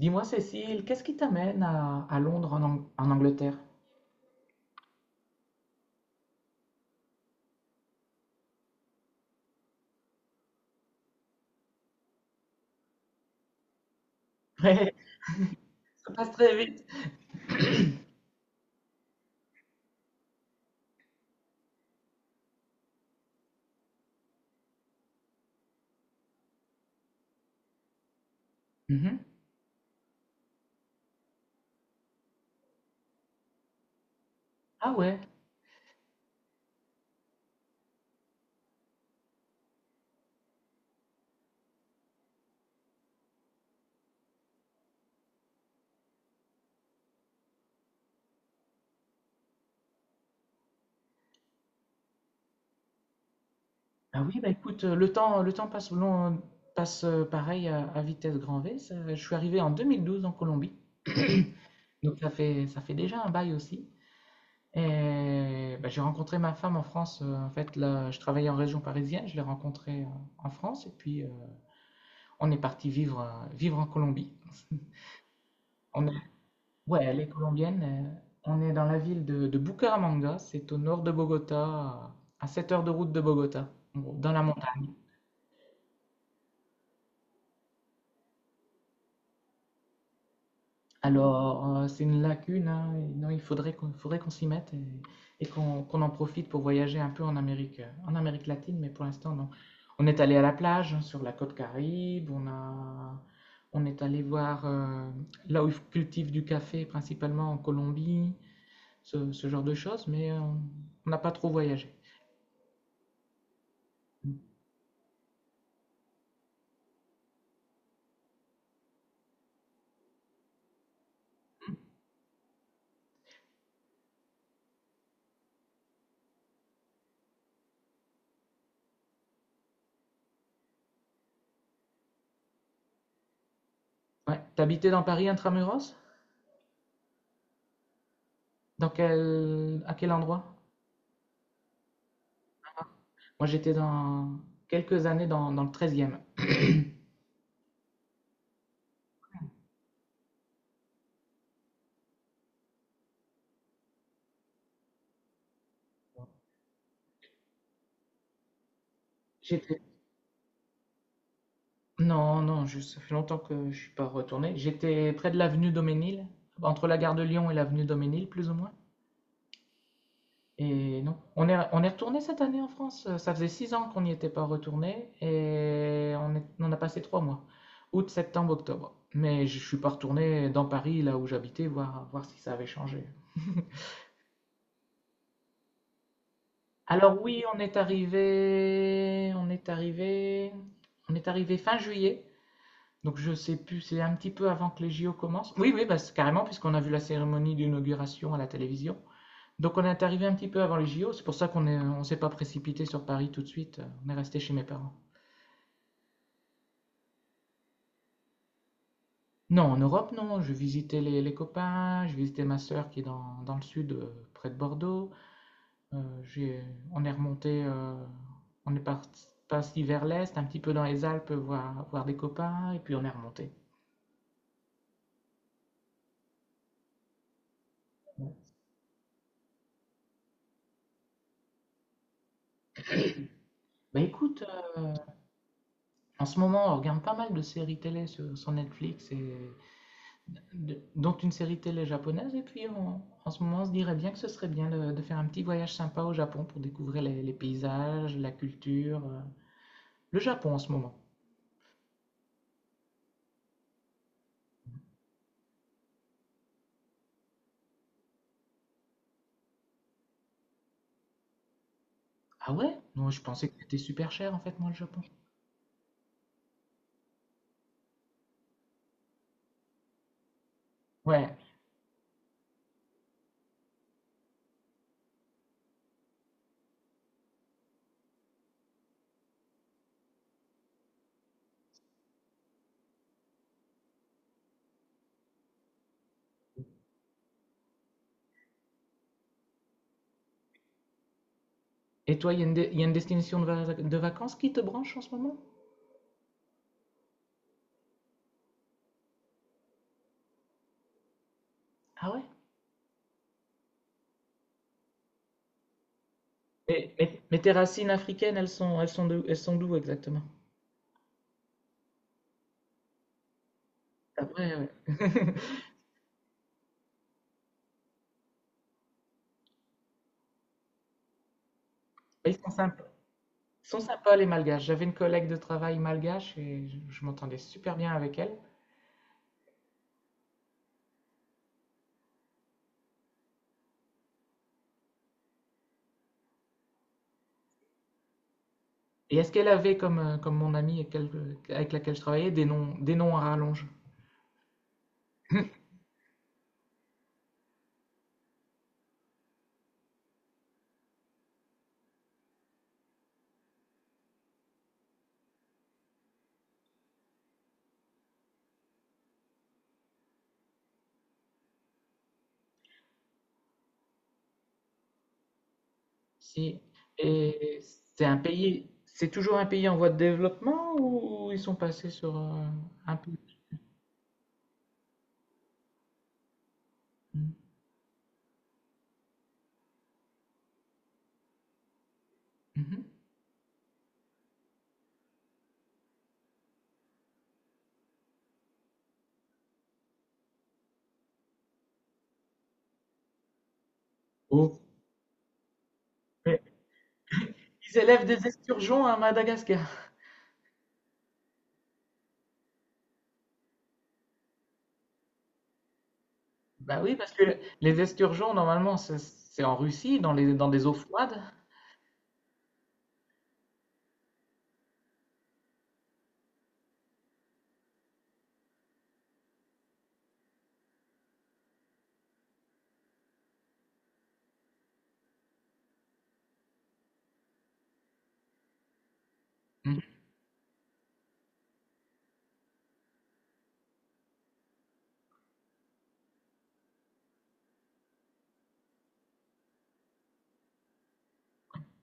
Dis-moi, Cécile, qu'est-ce qui t'amène à Londres, en Angleterre? Ouais, ça passe très vite. Mhm. Ah ouais. Ah oui, bah écoute, le temps passe pareil à vitesse grand V. Je suis arrivé en 2012 en Colombie, donc ça fait déjà un bail aussi. Et bah, j'ai rencontré ma femme en France. En fait, là, je travaillais en région parisienne, je l'ai rencontrée en France, et puis on est parti vivre en Colombie. Ouais, elle est colombienne. On est dans la ville de Bucaramanga, c'est au nord de Bogota, à 7 heures de route de Bogota, en gros, dans la montagne. Alors, c'est une lacune, hein, et non, il faudrait qu'on s'y mette et qu'on en profite pour voyager un peu en Amérique latine, mais pour l'instant, non. On est allé à la plage, hein, sur la côte Caraïbe, on est allé voir là où ils cultivent du café, principalement en Colombie, ce genre de choses, mais on n'a pas trop voyagé. Ouais. T'habitais dans Paris intramuros? À quel endroit? Moi, j'étais dans quelques années dans le 13e. J'étais. Non, non, ça fait longtemps que je suis pas retourné. J'étais près de l'avenue Daupménil, entre la gare de Lyon et l'avenue Daupménil, plus ou moins. Et non, on est retourné cette année en France. Ça faisait 6 ans qu'on n'y était pas retourné et on a passé 3 mois, août, septembre, octobre. Mais je suis pas retourné dans Paris, là où j'habitais, voir si ça avait changé. Alors oui, on est arrivé, on est arrivé, on est arrivé fin juillet. Donc je sais plus, c'est un petit peu avant que les JO commencent. Oui, oui, bah, c'est carrément, puisqu'on a vu la cérémonie d'inauguration à la télévision. Donc on est arrivé un petit peu avant les JO. C'est pour ça on s'est pas précipité sur Paris tout de suite. On est resté chez mes parents. Non, en Europe, non. Je visitais les copains, je visitais ma sœur qui est dans le sud, près de Bordeaux. Euh, j'ai- on est remonté, on est parti vers l'est, un petit peu dans les Alpes, voir des copains, et puis on est remonté. Bah écoute, en ce moment, on regarde pas mal de séries télé sur Netflix, et dont une série télé japonaise, et puis en ce moment, on se dirait bien que ce serait bien de faire un petit voyage sympa au Japon pour découvrir les paysages, la culture, le Japon en ce moment. Ah ouais? Non, je pensais que c'était super cher en fait, moi, le Japon. Ouais. Et toi, il y a une destination de vacances qui te branche en ce moment? Ah ouais? Mais tes racines africaines, elles sont d'où exactement? Après, ouais. Ils sont sympas. Ils sont sympas, les Malgaches. J'avais une collègue de travail malgache et je m'entendais super bien avec elle. Et est-ce qu'elle avait, comme, comme mon amie avec laquelle je travaillais, des noms à rallonge? Si. Et c'est un pays, c'est toujours un pays en voie de développement ou ils sont passés sur un pays? Mhm. Oh. Mais ils élèvent des esturgeons à Madagascar. Bah oui, parce que les esturgeons, normalement, c'est en Russie, dans les, dans des eaux froides. Mhm.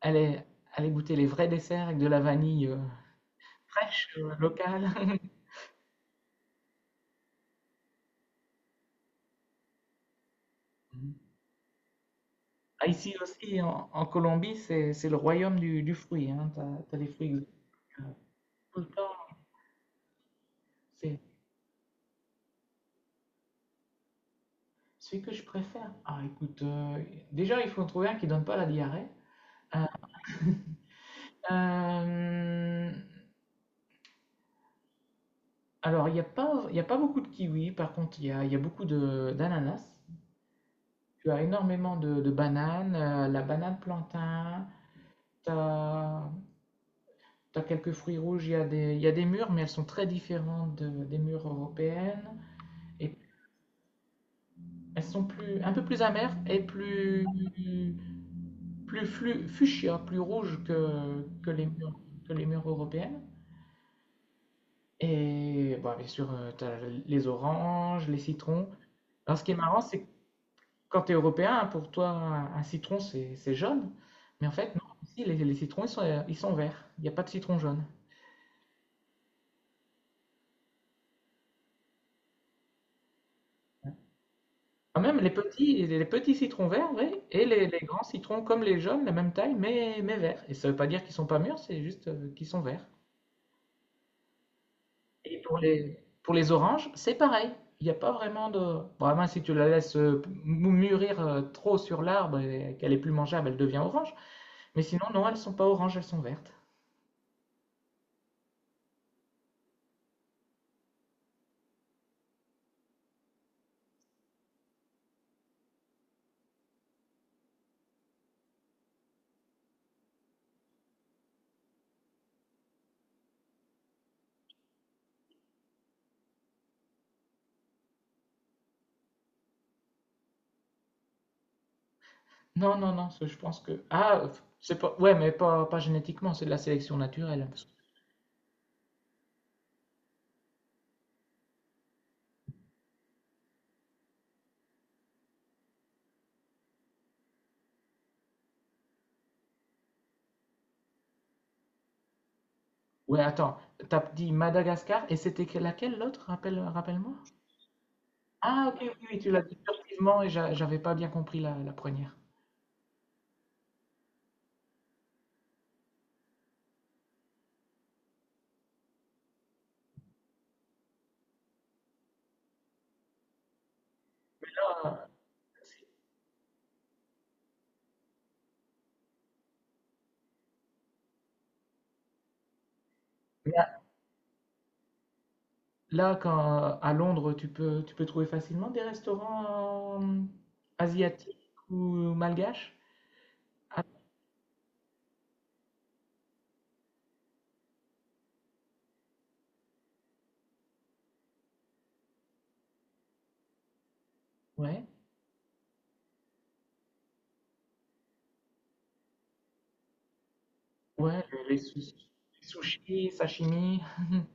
Allez, allez goûter les vrais desserts avec de la vanille fraîche, locale. Mhm. Ah, ici aussi, en Colombie, c'est le royaume du fruit. Hein. T'as des fruits exotiques, euh, tout le temps. C'est celui que je préfère. Ah, écoute, déjà, il faut en trouver un qui donne pas la diarrhée. Euh, euh, alors, il y a pas beaucoup de kiwis. Par contre, il y a beaucoup d'ananas. Tu as énormément de bananes, la banane plantain, tu as quelques fruits rouges, il y a des mûres, mais elles sont très différentes des mûres européennes. Et elles sont plus, un peu plus amères et fuchsia, plus rouges que les mûres européennes. Et bon, bien sûr, tu as les oranges, les citrons. Alors, ce qui est marrant, c'est quand tu es européen, pour toi, un citron, c'est jaune. Mais en fait, non, ici, les citrons, ils sont verts. Il n'y a pas de citron jaune. Quand même, les petits citrons verts, oui, et les grands citrons comme les jaunes, la même taille, mais verts. Et ça ne veut pas dire qu'ils sont pas mûrs, c'est juste qu'ils sont verts. Et pour les oranges, c'est pareil. Il n'y a pas vraiment. Vraiment, si tu la laisses mûrir trop sur l'arbre et qu'elle est plus mangeable, elle devient orange. Mais sinon, non, elles ne sont pas oranges, elles sont vertes. Non, non, non, ça, je pense que. Ah, c'est pas. Ouais, mais pas génétiquement, c'est de la sélection naturelle. Parce que. Ouais, attends, t'as dit Madagascar et c'était laquelle l'autre? Rappelle, rappelle-moi. Ah, ok, oui, oui, tu l'as dit furtivement et j'avais pas bien compris la première. Ah, mais là, à Londres, tu peux trouver facilement des restaurants asiatiques ou malgaches? Ah, ouais, ouais, les sushis, sashimi.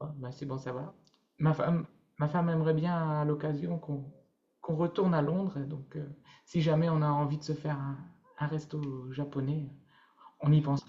Ah, bah, c'est bon, ça va. Ma femme, ma femme aimerait bien à l'occasion qu'on retourne à Londres. Et donc, si jamais on a envie de se faire un resto japonais, on y pense.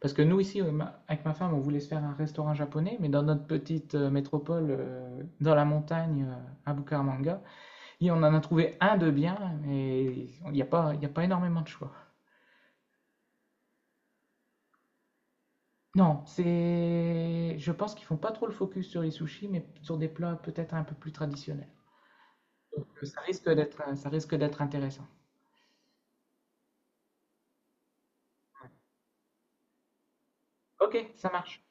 Parce que nous, ici, avec ma femme, on voulait se faire un restaurant japonais, mais dans notre petite métropole, dans la montagne, à Bucaramanga, et on en a trouvé un de bien, mais il n'y a pas énormément de choix. Non, je pense qu'ils font pas trop le focus sur les sushis, mais sur des plats peut-être un peu plus traditionnels. Donc, ça risque d'être intéressant. Ok, ça marche.